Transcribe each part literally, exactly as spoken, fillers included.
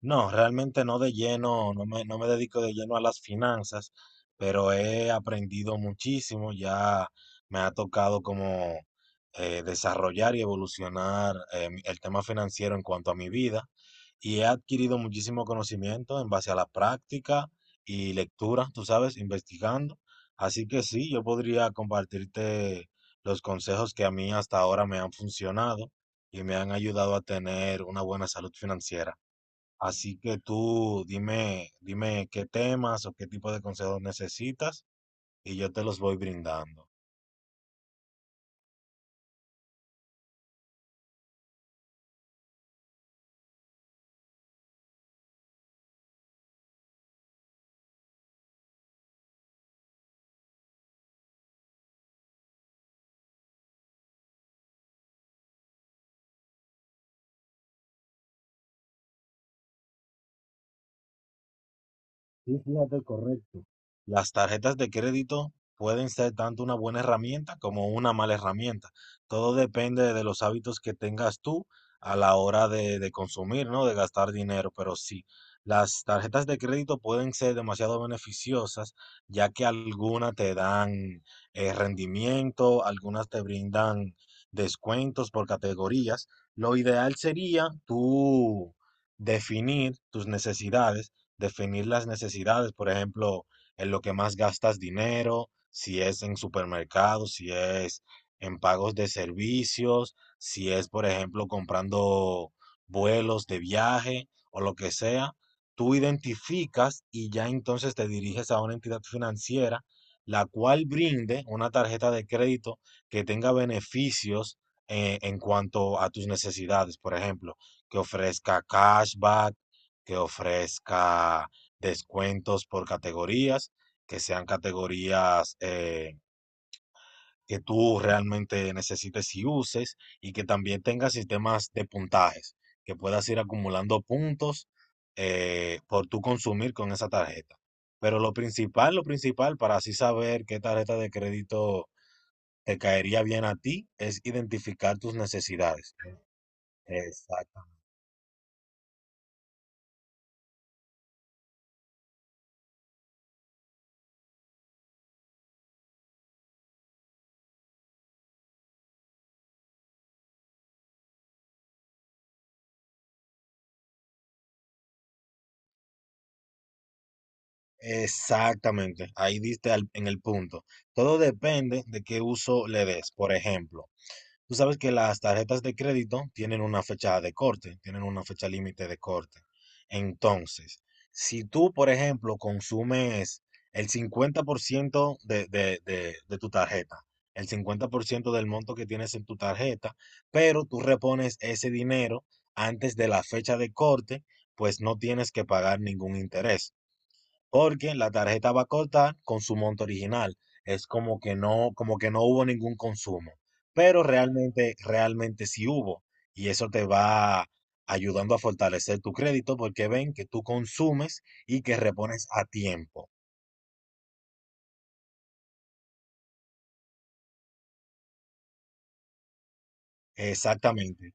No, realmente no de lleno, no me, no me dedico de lleno a las finanzas, pero he aprendido muchísimo, ya me ha tocado como eh, desarrollar y evolucionar eh, mi- el tema financiero en cuanto a mi vida y he adquirido muchísimo conocimiento en base a la práctica y lectura, tú sabes, investigando. Así que sí, yo podría compartirte los consejos que a mí hasta ahora me han funcionado y me han ayudado a tener una buena salud financiera. Así que tú dime, dime qué temas o qué tipo de consejos necesitas y yo te los voy brindando. Sí, fíjate, correcto. Las tarjetas de crédito pueden ser tanto una buena herramienta como una mala herramienta. Todo depende de los hábitos que tengas tú a la hora de, de consumir, ¿no? De gastar dinero. Pero sí, las tarjetas de crédito pueden ser demasiado beneficiosas, ya que algunas te dan eh, rendimiento, algunas te brindan descuentos por categorías. Lo ideal sería tú definir tus necesidades definir las necesidades, por ejemplo, en lo que más gastas dinero, si es en supermercados, si es en pagos de servicios, si es, por ejemplo, comprando vuelos de viaje o lo que sea. Tú identificas y ya entonces te diriges a una entidad financiera, la cual brinde una tarjeta de crédito que tenga beneficios eh, en cuanto a tus necesidades, por ejemplo, que ofrezca cashback, que ofrezca descuentos por categorías, que sean categorías eh, que tú realmente necesites y uses, y que también tenga sistemas de puntajes, que puedas ir acumulando puntos eh, por tú consumir con esa tarjeta. Pero lo principal, lo principal para así saber qué tarjeta de crédito te caería bien a ti es identificar tus necesidades. Exacto. Exactamente, ahí diste al- en el punto. Todo depende de qué uso le des. Por ejemplo, tú sabes que las tarjetas de crédito tienen una fecha de corte, tienen una fecha límite de corte. Entonces, si tú, por ejemplo, consumes el cincuenta por ciento de, de, de, de tu tarjeta, el cincuenta por ciento del monto que tienes en tu tarjeta, pero tú repones ese dinero antes de la fecha de corte, pues no tienes que pagar ningún interés porque la tarjeta va a cortar con su monto original. Es como que no, como que no hubo ningún consumo, pero realmente, realmente sí hubo. Y eso te va ayudando a fortalecer tu crédito porque ven que tú consumes y que repones a tiempo. Exactamente.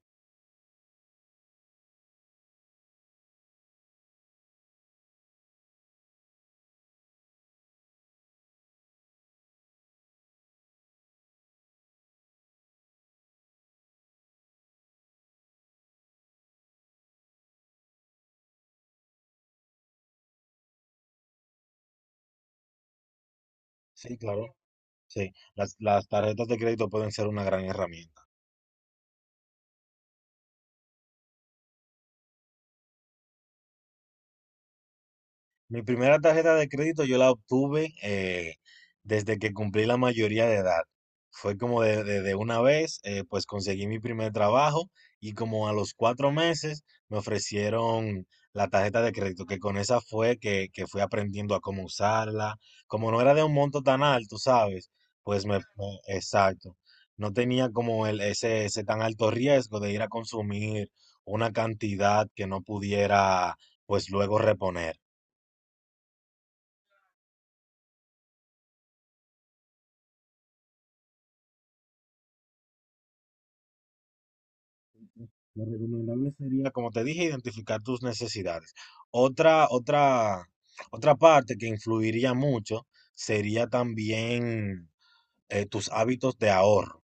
Sí, claro. Sí, las, las tarjetas de crédito pueden ser una gran herramienta. Mi primera tarjeta de crédito yo la obtuve eh, desde que cumplí la mayoría de edad. Fue como de, de- de una vez, eh, pues conseguí mi primer trabajo y como a los cuatro meses me ofrecieron la tarjeta de crédito, que con esa fue que, que fui aprendiendo a cómo usarla. Como no era de un monto tan alto, ¿sabes? Pues me, me- exacto. No tenía como el, ese, ese tan alto riesgo de ir a consumir una cantidad que no pudiera, pues luego reponer. Lo recomendable sería, como te dije, identificar tus necesidades. Otra, otra, otra parte que influiría mucho sería también eh, tus hábitos de ahorro.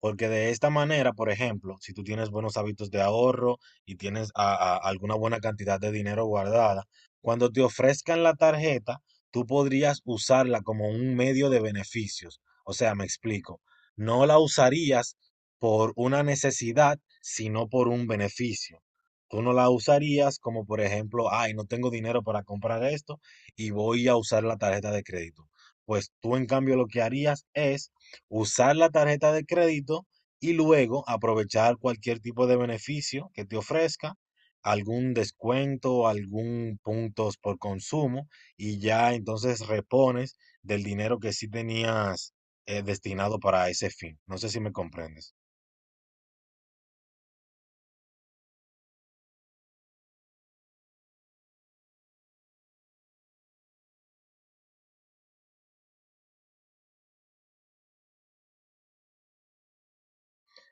Porque de esta manera, por ejemplo, si tú tienes buenos hábitos de ahorro y tienes a- a- alguna buena cantidad de dinero guardada, cuando te ofrezcan la tarjeta, tú podrías usarla como un medio de beneficios. O sea, me explico, no la usarías por una necesidad, sino por un beneficio. Tú no la usarías como, por ejemplo, ay, no tengo dinero para comprar esto y voy a usar la tarjeta de crédito. Pues tú, en cambio, lo que harías es usar la tarjeta de crédito y luego aprovechar cualquier tipo de beneficio que te ofrezca, algún descuento, algún puntos por consumo y ya entonces repones del dinero que sí tenías eh, destinado para ese fin. No sé si me comprendes.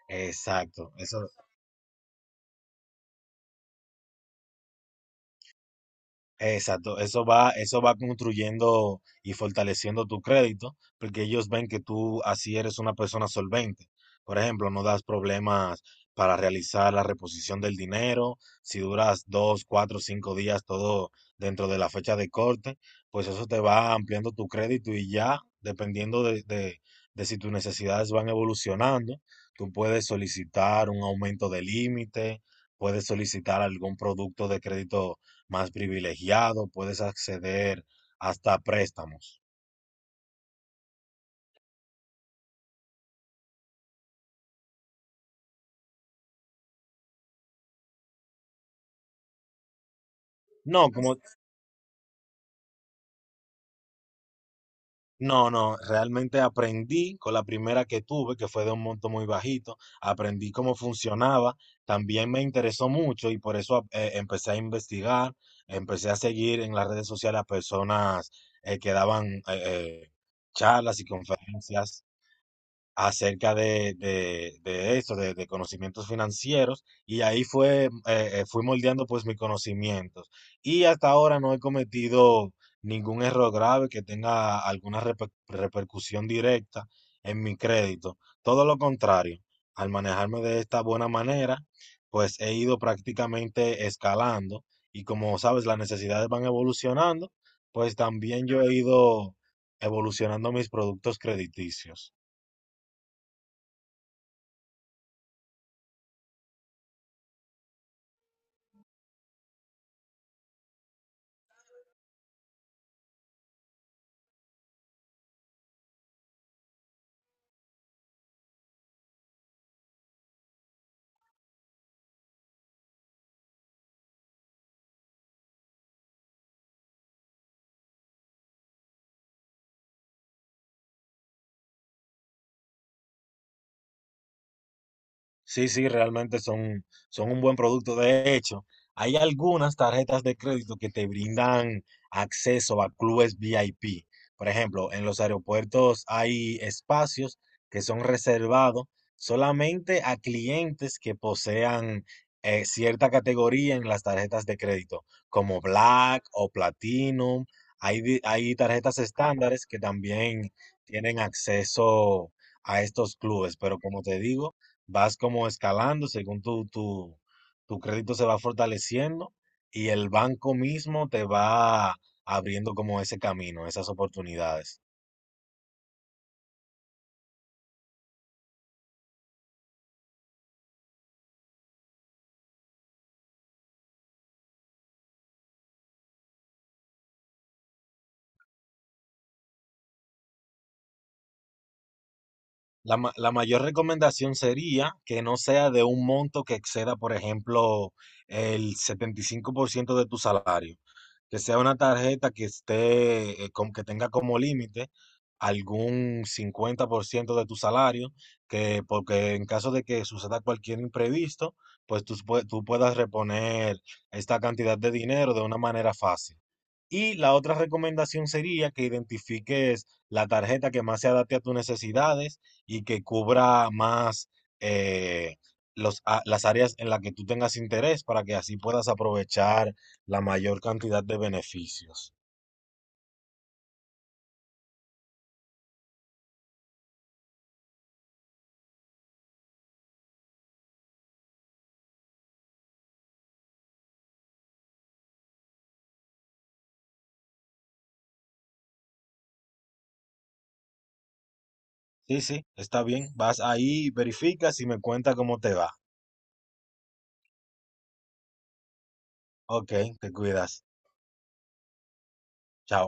Exacto, eso, Exacto, eso va, eso va construyendo y fortaleciendo tu crédito, porque ellos ven que tú así eres una persona solvente. Por ejemplo, no das problemas para realizar la reposición del dinero, si duras dos, cuatro, cinco días todo dentro de la fecha de corte, pues eso te va ampliando tu crédito y ya, dependiendo de, de, de si tus necesidades van evolucionando, tú puedes solicitar un aumento de límite, puedes solicitar algún producto de crédito más privilegiado, puedes acceder hasta préstamos. No, como, no, no, realmente aprendí con la primera que tuve, que fue de un monto muy bajito, aprendí cómo funcionaba, también me interesó mucho y por eso eh, empecé a investigar, empecé a seguir en las redes sociales a personas eh, que daban eh, eh, charlas y conferencias acerca de, de, de eso, de, de conocimientos financieros, y ahí fue, eh, eh, fui moldeando pues mis conocimientos. Y hasta ahora no he cometido ningún error grave que tenga alguna reper- repercusión directa en mi crédito. Todo lo contrario, al manejarme de esta buena manera, pues he ido prácticamente escalando y como sabes, las necesidades van evolucionando, pues también yo he ido evolucionando mis productos crediticios. Sí, sí, realmente son, son un buen producto. De hecho, hay algunas tarjetas de crédito que te brindan acceso a clubes VIP. Por ejemplo, en los aeropuertos hay espacios que son reservados solamente a clientes que posean eh, cierta categoría en las tarjetas de crédito, como Black o Platinum. Hay, di- hay tarjetas estándares que también tienen acceso a estos clubes, pero como te digo vas como escalando según tu, tu, tu crédito se va fortaleciendo y el banco mismo te va abriendo como ese camino, esas oportunidades. La, ma- la mayor recomendación sería que no sea de un monto que exceda, por ejemplo, el setenta y cinco por ciento de tu salario. Que sea una tarjeta que esté, eh, con- que tenga como límite algún cincuenta por ciento de tu salario, que porque en caso de que suceda cualquier imprevisto, pues tú, pue- tú puedas reponer esta cantidad de dinero de una manera fácil. Y la otra recomendación sería que identifiques la tarjeta que más se adapte a tus necesidades y que cubra más eh, los, a- las áreas en las que tú tengas interés para que así puedas aprovechar la mayor cantidad de beneficios. Sí, sí, está bien. Vas ahí, verificas y me cuenta cómo te va. Ok, te cuidas. Chao.